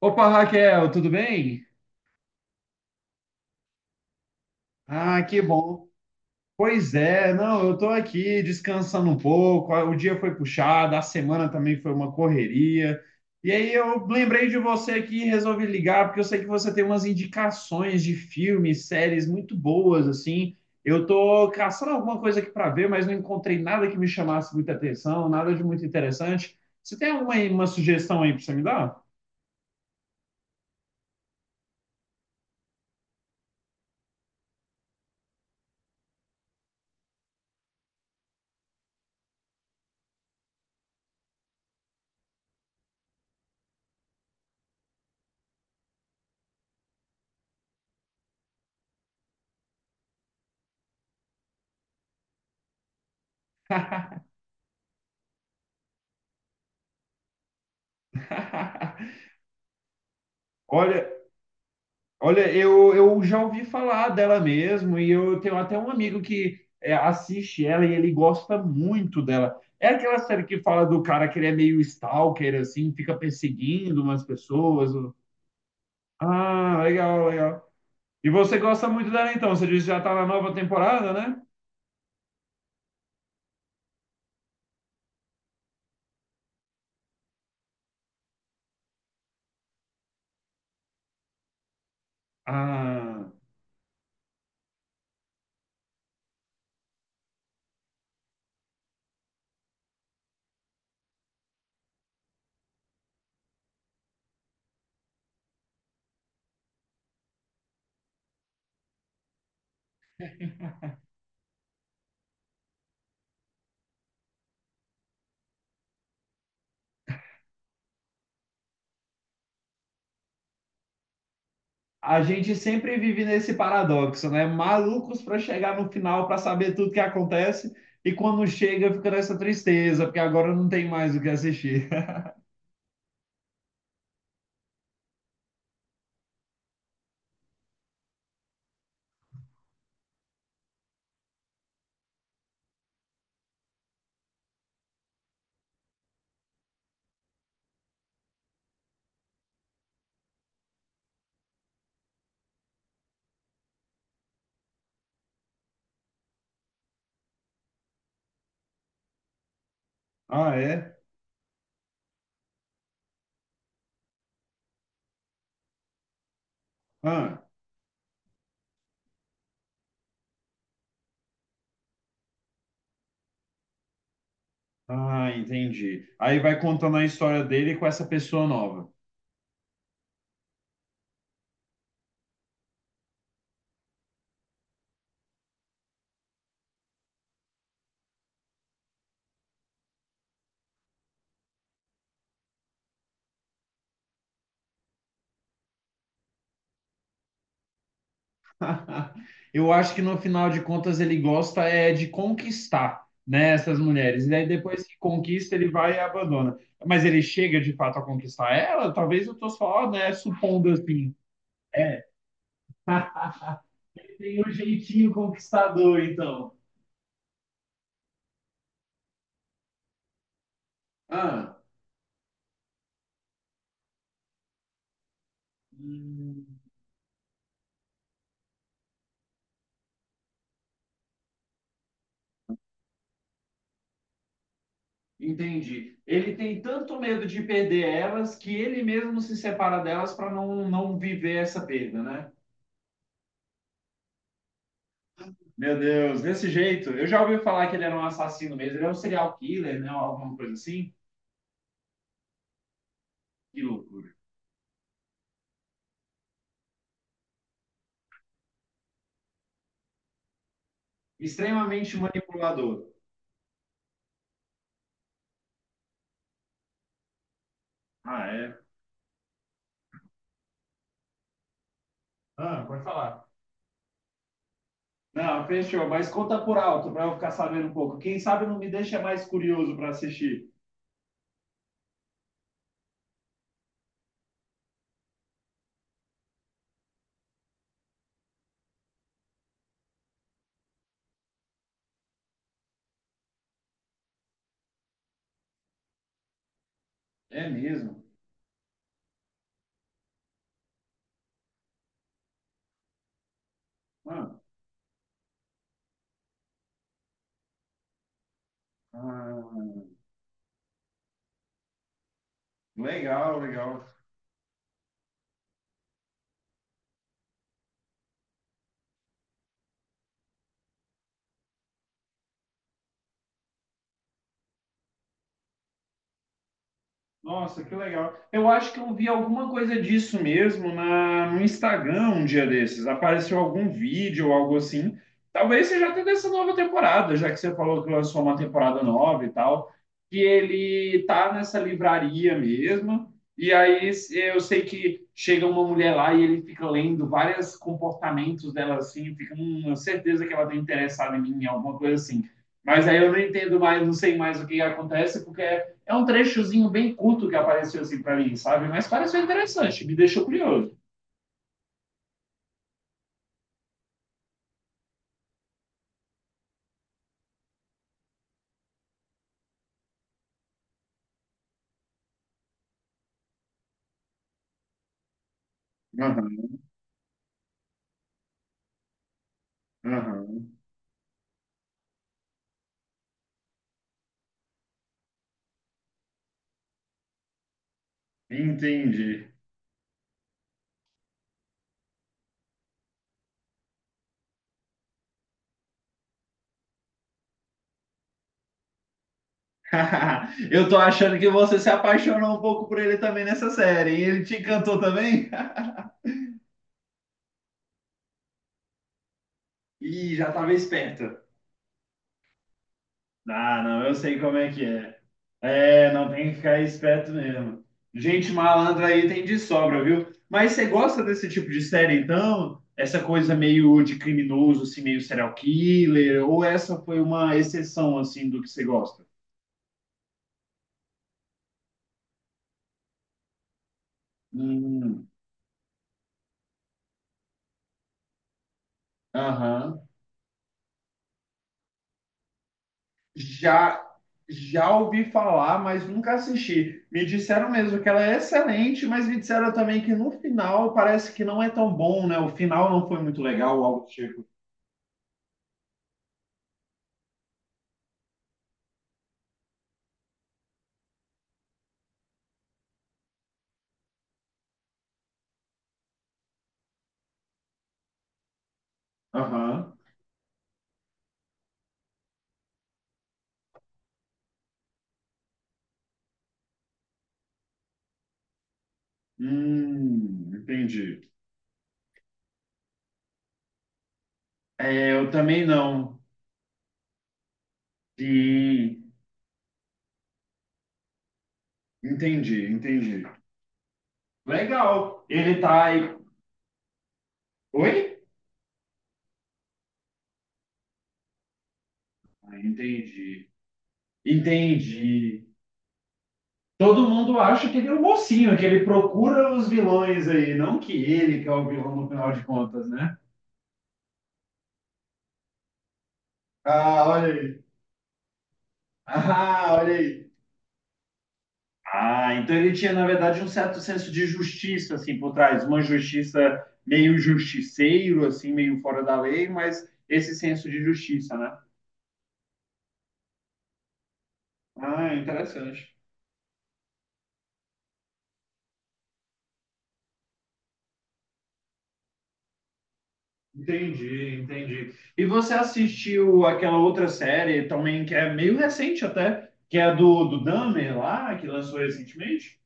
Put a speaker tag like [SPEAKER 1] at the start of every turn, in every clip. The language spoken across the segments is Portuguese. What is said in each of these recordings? [SPEAKER 1] Opa, Raquel, tudo bem? Ah, que bom. Pois é, não, eu tô aqui descansando um pouco. O dia foi puxado, a semana também foi uma correria. E aí eu lembrei de você aqui e resolvi ligar, porque eu sei que você tem umas indicações de filmes, séries muito boas, assim. Eu tô caçando alguma coisa aqui para ver, mas não encontrei nada que me chamasse muita atenção, nada de muito interessante. Você tem alguma uma sugestão aí para você me dar? Olha, Olha, eu já ouvi falar dela mesmo, e eu tenho até um amigo que é, assiste ela e ele gosta muito dela. É aquela série que fala do cara que ele é meio stalker, assim, fica perseguindo umas pessoas. Ah, legal, legal. E você gosta muito dela então? Você disse que já tá na nova temporada, né? Ah, a gente sempre vive nesse paradoxo, né? Malucos pra chegar no final pra saber tudo que acontece, e quando chega fica nessa tristeza, porque agora não tem mais o que assistir. Ah, é? Ah, ah, entendi. Aí vai contando a história dele com essa pessoa nova. Eu acho que no final de contas ele gosta é de conquistar, né, essas mulheres. E aí depois que conquista ele vai e abandona. Mas ele chega de fato a conquistar ela? Talvez eu tô só, né, supondo assim. Tem um jeitinho conquistador, então. Ah, hum, entendi. Ele tem tanto medo de perder elas que ele mesmo se separa delas para não viver essa perda, né? Meu Deus, desse jeito. Eu já ouvi falar que ele era um assassino mesmo. Ele era um serial killer, né? Alguma coisa assim. Que loucura. Extremamente manipulador. Ah, é. Ah, pode falar. Não, fechou. Mas conta por alto para eu ficar sabendo um pouco. Quem sabe não me deixa mais curioso para assistir. É mesmo. Ah, ah, legal, legal. Nossa, que legal. Eu acho que eu vi alguma coisa disso mesmo na, no Instagram um dia desses. Apareceu algum vídeo ou algo assim. Talvez seja até dessa nova temporada, já que você falou que lançou uma temporada nova e tal, que ele tá nessa livraria mesmo. E aí eu sei que chega uma mulher lá e ele fica lendo vários comportamentos dela assim, fica eu certeza que ela tá interessada em mim, alguma coisa assim. Mas aí eu não entendo mais, não sei mais o que acontece, porque é um trechozinho bem curto que apareceu assim para mim, sabe? Mas pareceu interessante, me deixou curioso. Aham, aham. Entendi. Eu tô achando que você se apaixonou um pouco por ele também nessa série. E ele te encantou também? Ih, já estava esperto. Ah, não, eu sei como é que é. É, não tem que ficar esperto mesmo. Gente malandra aí tem de sobra, viu? Mas você gosta desse tipo de série, então? Essa coisa meio de criminoso, assim, meio serial killer, ou essa foi uma exceção, assim, do que você gosta? Hum, aham. Já, já ouvi falar, mas nunca assisti. Me disseram mesmo que ela é excelente, mas me disseram também que no final parece que não é tão bom, né? O final não foi muito legal, algo do tipo. Aham. Entendi. É, eu também não. Sim, entendi. Legal. Ele tá aí. Oi? Ah, entendi. Entendi. Todo mundo acha que ele é o mocinho, que ele procura os vilões aí, não que ele que é o vilão no final de contas, né? Ah, olha aí. Ah, olha aí. Ah, então ele tinha, na verdade, um certo senso de justiça, assim, por trás. Uma justiça meio justiceiro, assim, meio fora da lei, mas esse senso de justiça, né? Ah, interessante. Entendi. E você assistiu aquela outra série também, que é meio recente até, que é a do, do Dahmer lá, que lançou recentemente?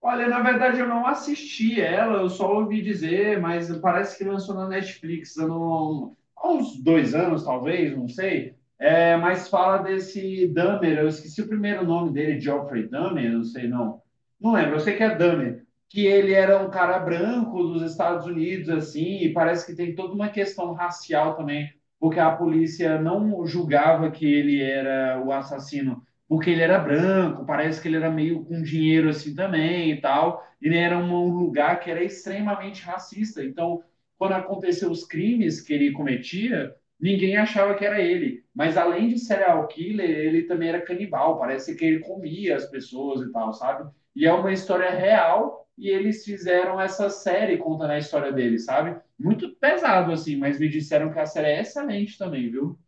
[SPEAKER 1] Olha, na verdade eu não assisti ela, eu só ouvi dizer, mas parece que lançou na Netflix há uns dois anos, talvez, não sei. É, mas fala desse Dahmer, eu esqueci o primeiro nome dele, Geoffrey Dahmer, não sei não. Não lembro, eu sei que é Dahmer, que ele era um cara branco dos Estados Unidos, assim, e parece que tem toda uma questão racial também, porque a polícia não julgava que ele era o assassino porque ele era branco, parece que ele era meio com dinheiro assim também e tal. Ele era um lugar que era extremamente racista. Então, quando aconteceu os crimes que ele cometia, ninguém achava que era ele. Mas além de serial killer, ele também era canibal. Parece que ele comia as pessoas e tal, sabe? E é uma história real e eles fizeram essa série contando a história dele, sabe? Muito pesado assim, mas me disseram que a série é excelente também, viu?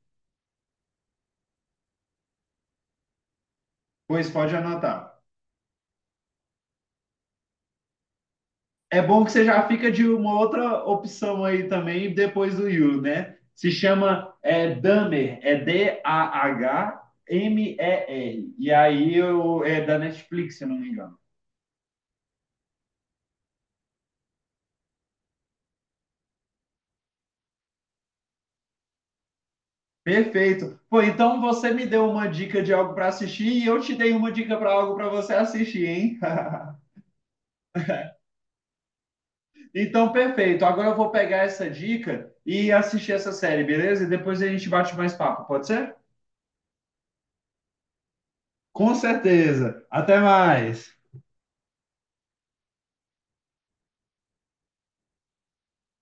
[SPEAKER 1] Pois pode anotar. É bom que você já fica de uma outra opção aí também, depois do you, né? Se chama é, Dahmer, é Dahmer. E R. E aí eu, é da Netflix, se não me engano. Perfeito. Pô, então você me deu uma dica de algo para assistir e eu te dei uma dica para algo para você assistir, hein? então, perfeito. Agora eu vou pegar essa dica e assistir essa série, beleza? E depois a gente bate mais papo, pode ser? Com certeza. Até mais.